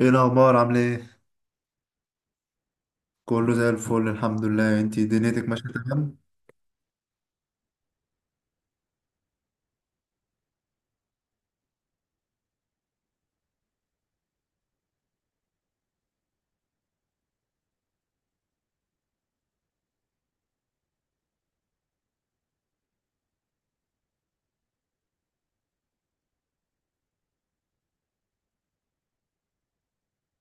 ايه الاخبار، عامله ايه؟ كله زي الفل، الحمد لله. انتي دنيتك ماشيه تمام؟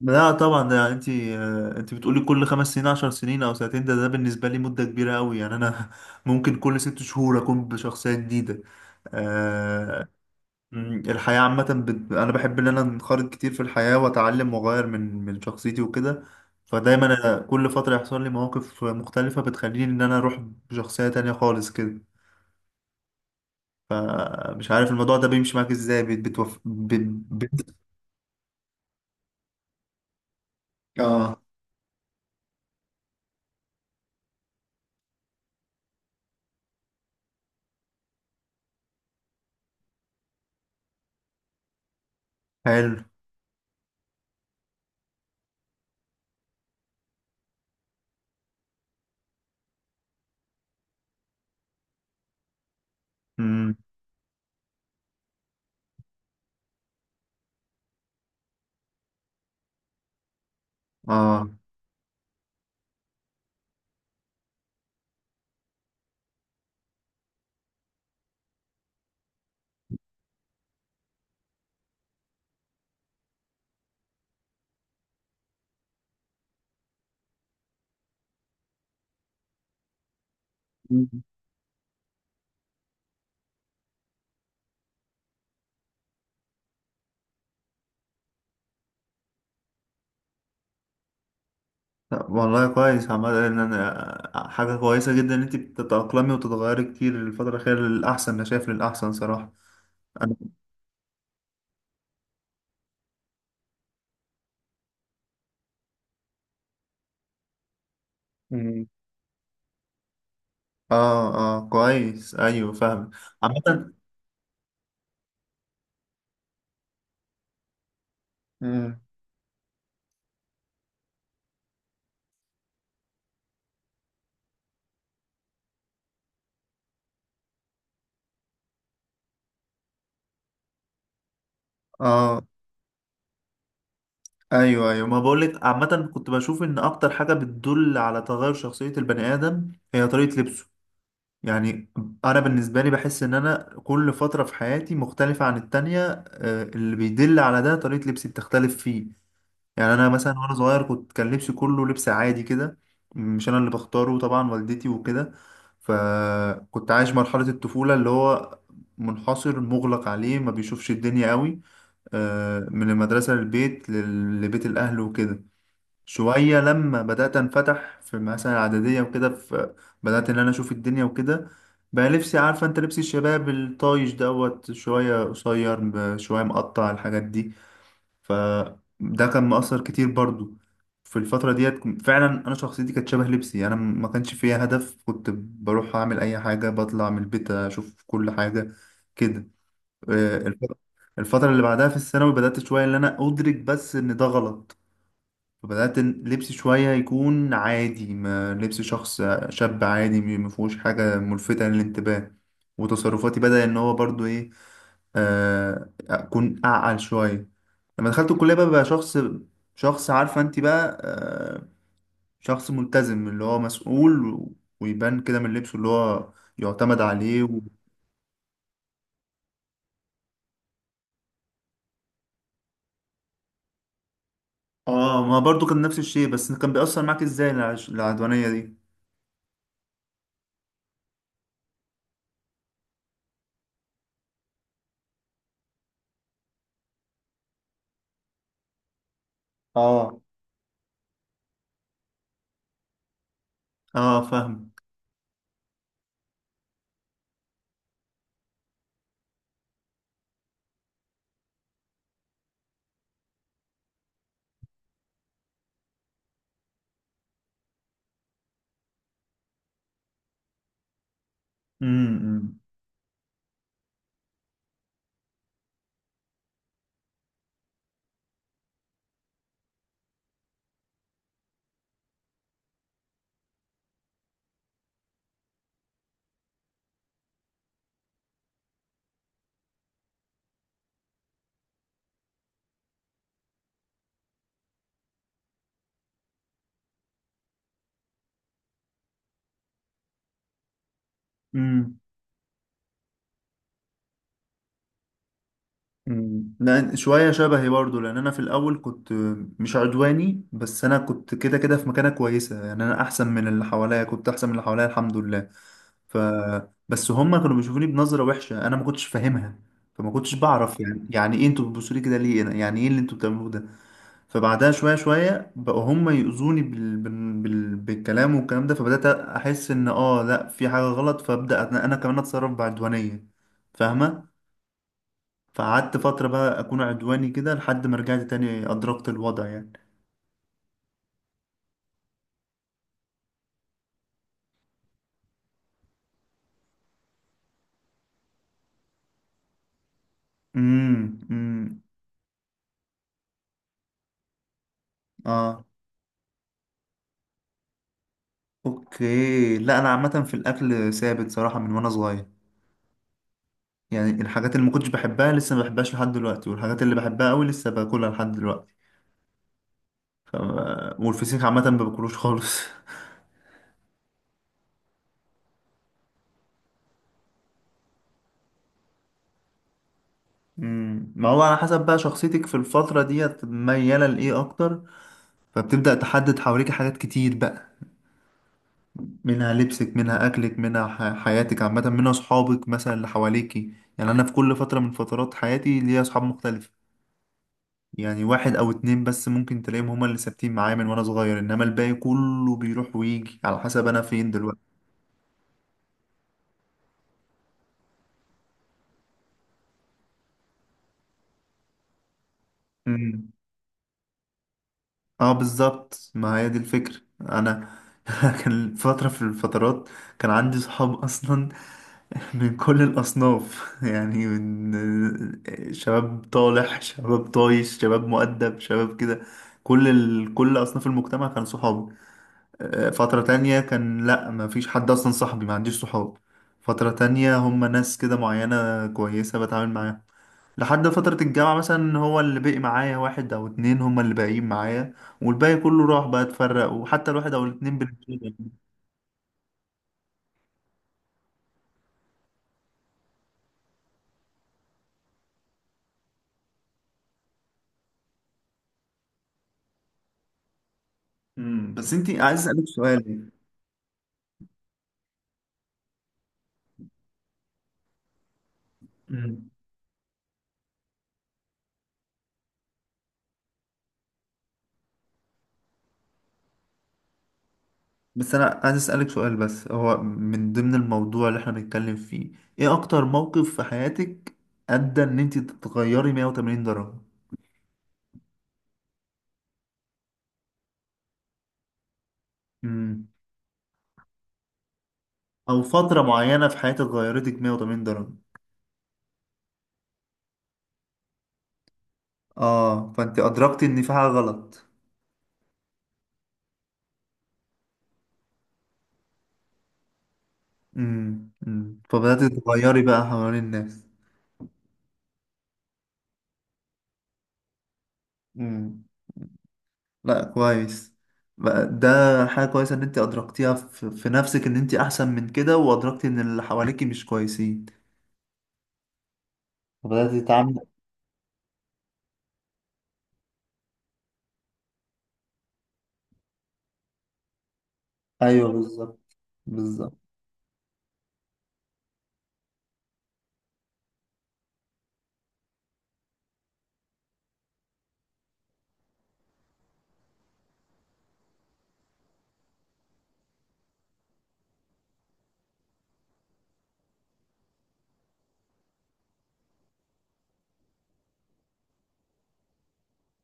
لا طبعا، ده انتي بتقولي كل 5 سنين، 10 سنين او سنتين ده بالنسبه لي مده كبيره قوي، يعني انا ممكن كل 6 شهور اكون بشخصيه جديده. آه. الحياه عامه انا بحب ان انا انخرط كتير في الحياه، واتعلم واغير من شخصيتي وكده. فدايما أنا كل فتره يحصل لي مواقف مختلفه بتخليني ان انا اروح بشخصيه تانية خالص كده. مش عارف الموضوع ده بيمشي معاك ازاي، اه، حلو. امم. اه. مم. طب والله كويس، عمال ان انا حاجه كويسه جدا ان انت بتتاقلمي وتتغيري كتير الفتره الاخيره للاحسن، انا شايف للاحسن صراحه. انا. مم. اه اه، كويس، ايوه فاهم. عامه. مم. اه. ايوه ايوه، ما بقولك عامه كنت بشوف ان اكتر حاجه بتدل على تغير شخصيه البني ادم هي طريقه لبسه. يعني انا بالنسبه لي بحس ان انا كل فتره في حياتي مختلفه عن التانية، اللي بيدل على ده طريقه لبسي بتختلف فيه. يعني انا مثلا وانا صغير كنت كان لبسي كله لبس عادي كده، مش انا اللي بختاره طبعا، والدتي وكده. فكنت عايش مرحله الطفوله اللي هو منحصر مغلق عليه، ما بيشوفش الدنيا قوي. من المدرسه للبيت، لبيت الاهل وكده. شوية لما بدأت أنفتح في مثلا إعدادية وكده، في بدأت إن أنا أشوف الدنيا وكده. بقى لبسي عارفة أنت لبس الشباب الطايش دوت، شوية قصير، شوية مقطع، الحاجات دي. فده كان مؤثر كتير برضو. في الفترة ديت فعلا أنا شخصيتي كانت شبه لبسي، أنا ما كانش فيها هدف، كنت بروح أعمل أي حاجة، بطلع من البيت أشوف كل حاجة كده. الفترة اللي بعدها في الثانوي بدأت شوية إن أنا أدرك بس إن ده غلط. فبدأت لبسي شوية يكون عادي، ما لبس شخص شاب عادي ما فيهوش حاجة ملفتة للانتباه. وتصرفاتي بدأ إن هو برضو إيه، أكون أعقل شوية. لما دخلت الكلية بقى شخص، شخص عارفة أنت بقى شخص ملتزم اللي هو مسؤول ويبان كده من لبسه، اللي هو يعتمد عليه و... آه، ما برضو كان نفس الشيء، بس كان بيأثر معاك إزاي العدوانية دي؟ اه. آه فاهم. أمم، أمم. أمم. مم. لا شوية شبهي برضو، لأن أنا في الأول كنت مش عدواني، بس أنا كنت كده كده في مكانة كويسة، يعني أنا أحسن من اللي حواليا، كنت أحسن من اللي حواليا الحمد لله. ف. بس هما كانوا بيشوفوني بنظرة وحشة أنا ما كنتش فاهمها. فما كنتش بعرف يعني إيه أنتوا بتبصوا لي كده ليه، أنا يعني إيه اللي أنتوا بتعملوه ده. فبعدها شوية شوية بقوا هما يؤذوني بالكلام، والكلام ده فبدأت أحس إن آه لأ في حاجة غلط، فأبدأ أنا كمان أتصرف بعدوانية. فاهمة. فقعدت فترة بقى أكون عدواني كده لحد ما رجعت تاني أدركت الوضع يعني. امم. اه. اوكي. لا أنا عامة في الأكل ثابت صراحة من وأنا صغير. يعني الحاجات اللي ما كنتش بحبها لسه ما بحبهاش لحد دلوقتي، والحاجات اللي بحبها قوي لسه باكلها لحد دلوقتي. والفسيخ عامة ما باكلوش خالص امم. ما هو على حسب بقى شخصيتك في الفترة ديت ميالة لإيه أكتر. فبتبدأ تحدد حواليك حاجات كتير بقى، منها لبسك، منها أكلك، منها حياتك عامة، منها أصحابك مثلا اللي حواليكي. يعني أنا في كل فترة من فترات حياتي ليا أصحاب مختلفة. يعني واحد أو اتنين بس ممكن تلاقيهم هما اللي ثابتين معايا من وأنا صغير، إنما الباقي كله بيروح ويجي على حسب أنا فين دلوقتي. مم. اه بالظبط، ما هي دي الفكرة. انا كان فترة في الفترات كان عندي صحاب اصلا من كل الاصناف يعني من شباب طالح، شباب طايش، شباب مؤدب، شباب كده، كل اصناف المجتمع كانوا صحابي. فترة تانية كان لا ما فيش حد اصلا صاحبي، ما عنديش صحاب. فترة تانية هم ناس كده معينة كويسة بتعامل معاهم. لحد فترة الجامعة مثلا هو اللي بقي معايا واحد أو اتنين هما اللي باقيين معايا. والباقي كله راح بقى اتفرق، وحتى الواحد أو الاتنين بالنسبة. امم. بس انتي عايز أسألك سؤال. امم. بس أنا عايز أسألك سؤال، بس هو من ضمن الموضوع اللي احنا بنتكلم فيه. ايه أكتر موقف في حياتك أدى إن انتي تتغيري 180 درجة؟ امم. أو فترة معينة في حياتك غيرتك 180 درجة. اه، فانت أدركتي إن في حاجة غلط. امم. أمم. فبدأت تتغيري بقى حوالين الناس. مم. لا كويس. بقى ده حاجة كويسة ان انت ادركتيها في نفسك ان انت احسن من كده، وادركتي ان اللي حواليكي مش كويسين، فبدأتي تتعاملي. ايوه بالظبط، بالظبط.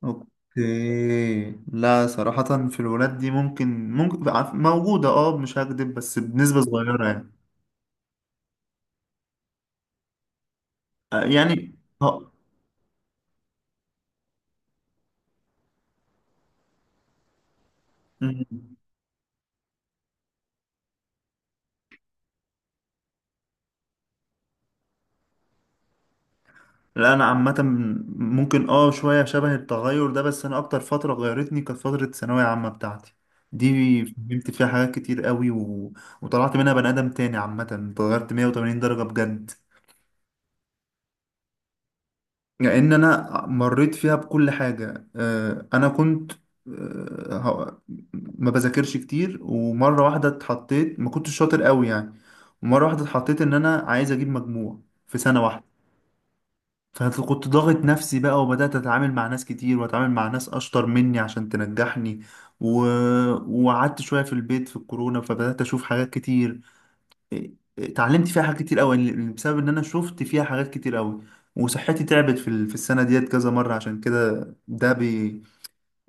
اوكي. لا صراحة في الولاد دي ممكن، ممكن موجودة اه مش هكدب، بس بنسبة صغيرة يعني. يعني اه. مم. لا انا عامه ممكن اه شويه شبه التغير ده، بس انا اكتر فتره غيرتني كانت فتره الثانويه عامه بتاعتي دي، فهمت فيها حاجات كتير قوي و... وطلعت منها بني ادم تاني عامه، اتغيرت 180 درجه بجد. لان انا مريت فيها بكل حاجه، انا كنت آه، هو- ما بذاكرش كتير، ومره واحده اتحطيت ما كنتش شاطر قوي يعني. ومره واحده اتحطيت ان انا عايز اجيب مجموع في سنه واحده. فكنت ضاغط نفسي بقى، وبدأت أتعامل مع ناس كتير وأتعامل مع ناس أشطر مني عشان تنجحني و... وقعدت شوية في البيت في الكورونا، فبدأت أشوف حاجات كتير. إيه، إيه، اتعلمت فيها حاجات كتير أوي بسبب إن أنا شفت فيها حاجات كتير أوي. وصحتي تعبت في في السنة ديت كذا مرة، عشان كده ده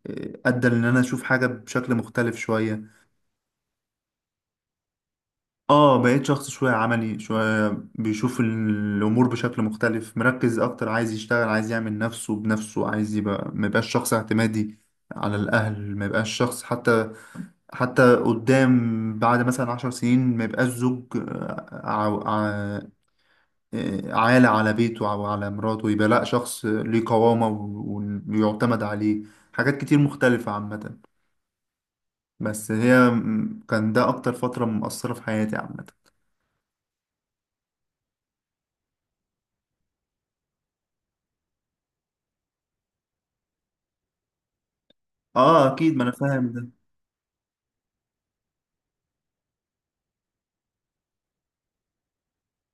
إيه، أدى إن أنا أشوف حاجة بشكل مختلف شوية. اه، بقيت شخص شوية عملي، شوية بيشوف الأمور بشكل مختلف، مركز أكتر، عايز يشتغل، عايز يعمل نفسه بنفسه، عايز يبقى، ما يبقاش شخص اعتمادي على الأهل، ما يبقاش شخص حتى، حتى قدام بعد مثلا 10 سنين ما يبقاش زوج ع- ع- عالة على بيته أو على مراته، يبقى لأ شخص ليه قوامة ويعتمد عليه. حاجات كتير مختلفة عامة. بس هي كان ده أكتر فترة مؤثرة في حياتي عامة. اه اكيد، ما انا فاهم.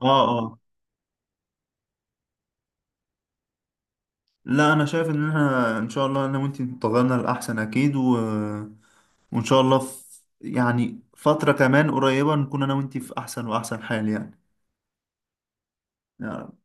اه اه. لا انا شايف ان احنا ان شاء الله انا وانت اتفقنا الاحسن اكيد و... وان شاء الله في، يعني فترة كمان قريبة نكون انا وانت في احسن واحسن حال، يعني.